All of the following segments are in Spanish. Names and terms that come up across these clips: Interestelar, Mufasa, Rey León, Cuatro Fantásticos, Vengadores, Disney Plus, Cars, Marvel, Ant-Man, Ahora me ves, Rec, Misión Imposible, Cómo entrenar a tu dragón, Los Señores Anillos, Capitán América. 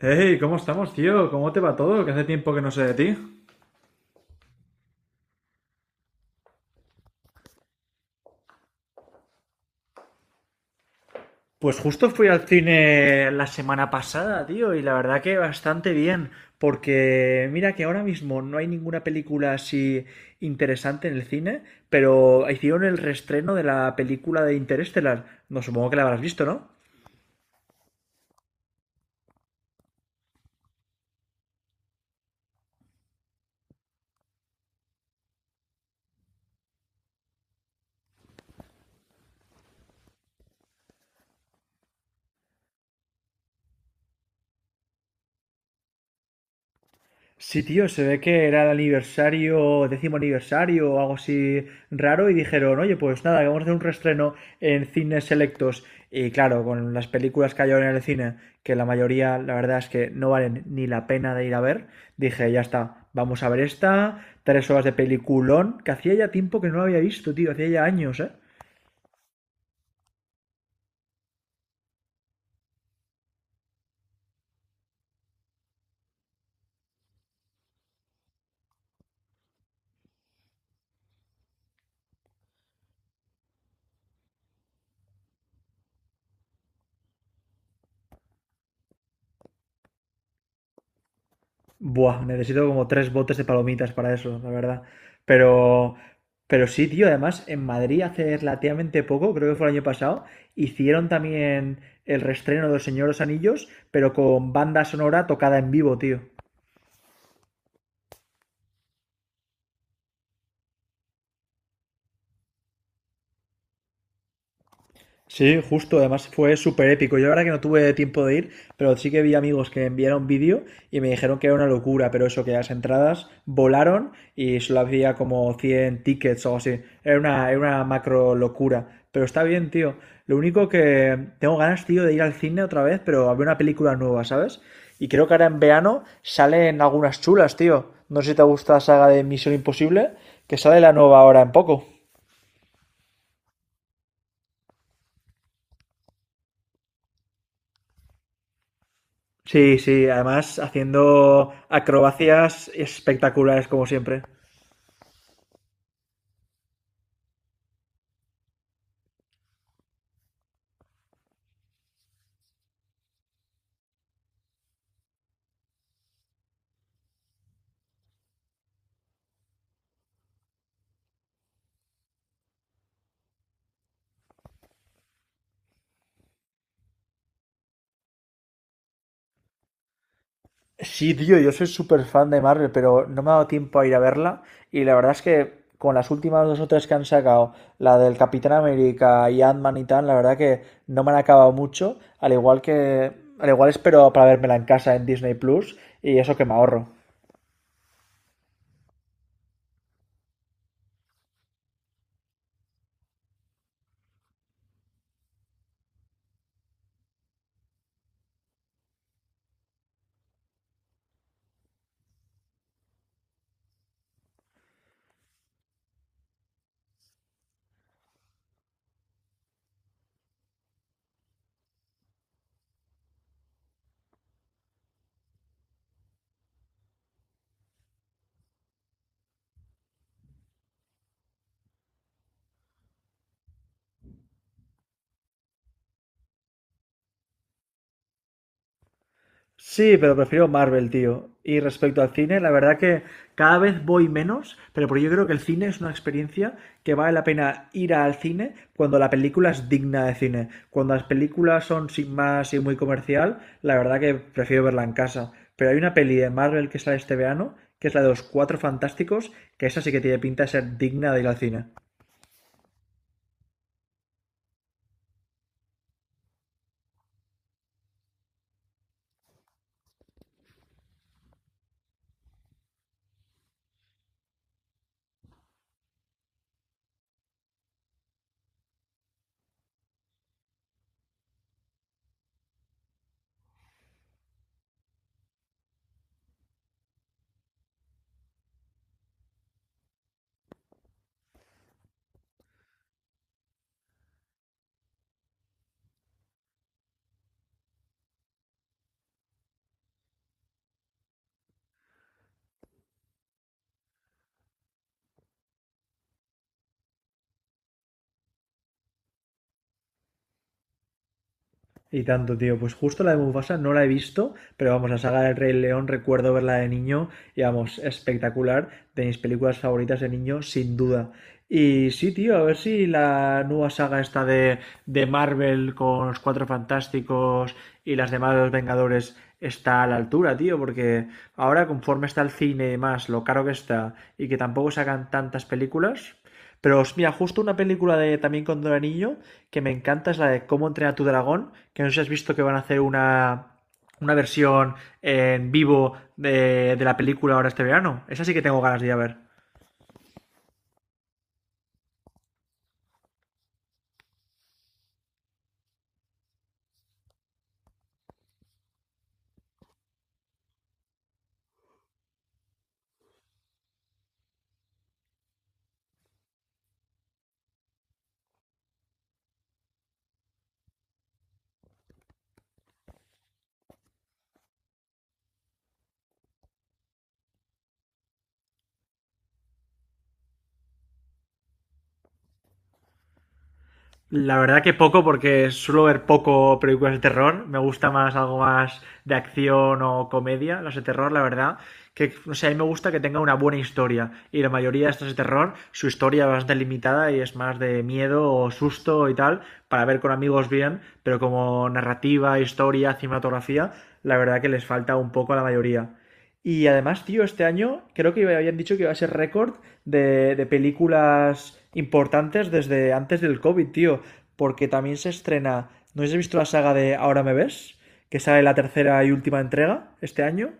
Hey, ¿cómo estamos, tío? ¿Cómo te va todo? Que hace tiempo que no sé de ti. Pues justo fui al cine la semana pasada, tío, y la verdad que bastante bien, porque mira que ahora mismo no hay ninguna película así interesante en el cine, pero hicieron el reestreno de la película de Interestelar. No supongo que la habrás visto, ¿no? Sí, tío, se ve que era el aniversario, décimo aniversario o algo así raro y dijeron, oye, pues nada, que vamos a hacer un reestreno en cines selectos. Y claro, con las películas que hay ahora en el cine, que la mayoría, la verdad es que no valen ni la pena de ir a ver, dije, ya está, vamos a ver esta, 3 horas de peliculón, que hacía ya tiempo que no la había visto, tío, hacía ya años, ¿eh? Buah, necesito como tres botes de palomitas para eso, la verdad. Pero, pero sí, tío, además en Madrid hace relativamente poco, creo que fue el año pasado, hicieron también el reestreno de Los Señores Anillos, pero con banda sonora tocada en vivo, tío. Sí, justo, además fue súper épico. Yo la verdad que no tuve tiempo de ir, pero sí que vi amigos que enviaron vídeo y me dijeron que era una locura, pero eso, que las entradas volaron y solo había como 100 tickets o algo así. Era una macro locura, pero está bien, tío. Lo único que tengo ganas, tío, de ir al cine otra vez, pero a ver una película nueva, ¿sabes? Y creo que ahora en verano salen algunas chulas, tío. No sé si te gusta la saga de Misión Imposible, que sale la nueva ahora en poco. Sí, sí, además haciendo acrobacias espectaculares como siempre. Sí, tío, yo soy súper fan de Marvel, pero no me ha dado tiempo a ir a verla. Y la verdad es que con las últimas dos o tres que han sacado, la del Capitán América y Ant-Man y tal, la verdad que no me han acabado mucho. Al igual espero para vérmela en casa en Disney Plus y eso que me ahorro. Sí, pero prefiero Marvel, tío. Y respecto al cine, la verdad que cada vez voy menos, pero porque yo creo que el cine es una experiencia que vale la pena ir al cine cuando la película es digna de cine. Cuando las películas son sin más y muy comercial, la verdad que prefiero verla en casa. Pero hay una peli de Marvel que sale este verano, que es la de los Cuatro Fantásticos, que esa sí que tiene pinta de ser digna de ir al cine. Y tanto, tío. Pues justo la de Mufasa no la he visto, pero vamos, la saga del Rey León recuerdo verla de niño y vamos, espectacular. De mis películas favoritas de niño, sin duda. Y sí, tío, a ver si la nueva saga esta de Marvel con los Cuatro Fantásticos y las demás de los Vengadores está a la altura, tío, porque ahora conforme está el cine y más, lo caro que está y que tampoco sacan tantas películas, pero mira, justo una película de también con Don Anillo que me encanta es la de Cómo entrenar a tu dragón, que no sé si has visto que van a hacer una versión en vivo de la película ahora este verano. Esa sí que tengo ganas de ir a ver. La verdad que poco, porque suelo ver poco películas de terror. Me gusta más algo más de acción o comedia, las de terror, la verdad. Que, no sé, a mí me gusta que tenga una buena historia. Y la mayoría de estas de terror, su historia es bastante limitada y es más de miedo o susto y tal, para ver con amigos bien, pero como narrativa, historia, cinematografía, la verdad que les falta un poco a la mayoría. Y además, tío, este año creo que habían dicho que iba a ser récord de películas importantes desde antes del COVID, tío. Porque también se estrena. ¿No habéis visto la saga de Ahora me ves? Que sale la tercera y última entrega este año.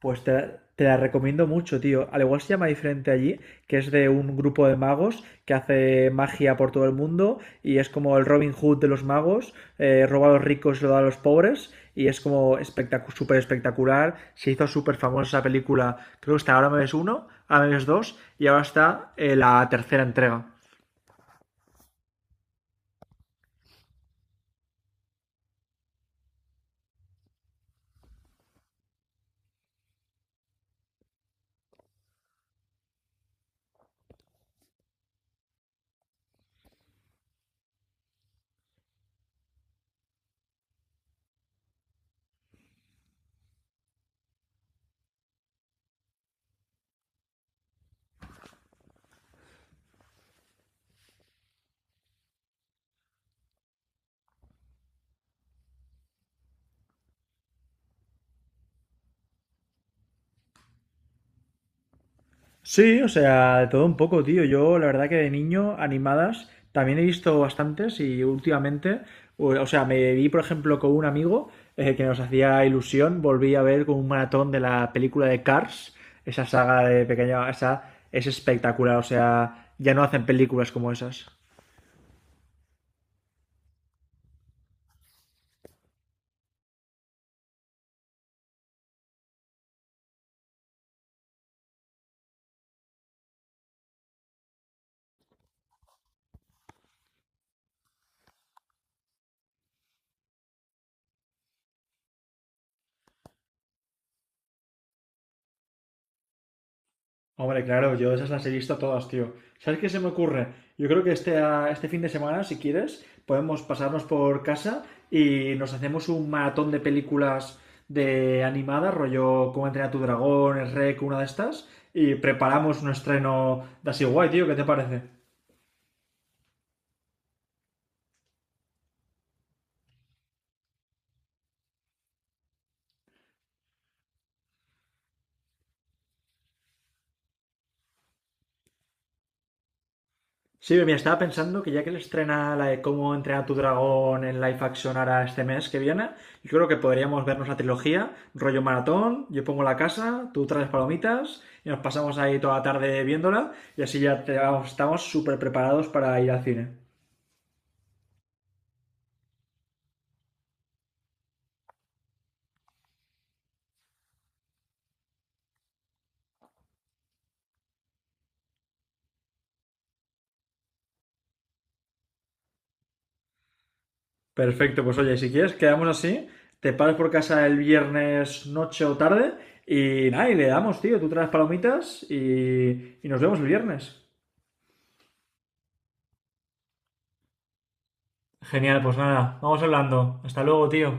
Pues te la recomiendo mucho, tío. Al igual se llama diferente allí, que es de un grupo de magos que hace magia por todo el mundo y es como el Robin Hood de los magos, roba a los ricos y lo da a los pobres y es como súper espectacular. Se hizo súper famosa esa película. Creo que está Ahora me ves uno, Ahora me ves dos y ahora está la tercera entrega. Sí, o sea, de todo un poco, tío. Yo, la verdad que de niño, animadas, también he visto bastantes y últimamente, o sea, me vi, por ejemplo, con un amigo que nos hacía ilusión, volví a ver con un maratón de la película de Cars, esa saga de pequeña, esa es espectacular, o sea, ya no hacen películas como esas. Hombre, claro, yo esas las he visto todas, tío. ¿Sabes qué se me ocurre? Yo creo que este fin de semana, si quieres, podemos pasarnos por casa y nos hacemos un maratón de películas de animadas, rollo Cómo entrenar a tu dragón, el Rec, una de estas, y preparamos un estreno de así guay, tío. ¿Qué te parece? Sí, mira, estaba pensando que ya que le estrena la de Cómo entrenar a tu dragón en live action ahora este mes que viene, yo creo que podríamos vernos la trilogía, rollo maratón, yo pongo la casa, tú traes palomitas y nos pasamos ahí toda la tarde viéndola y así ya vamos, estamos súper preparados para ir al cine. Perfecto, pues oye, si quieres quedamos así, te paras por casa el viernes noche o tarde y nada, y le damos, tío, tú traes palomitas y nos vemos el viernes. Genial, pues nada, vamos hablando. Hasta luego, tío.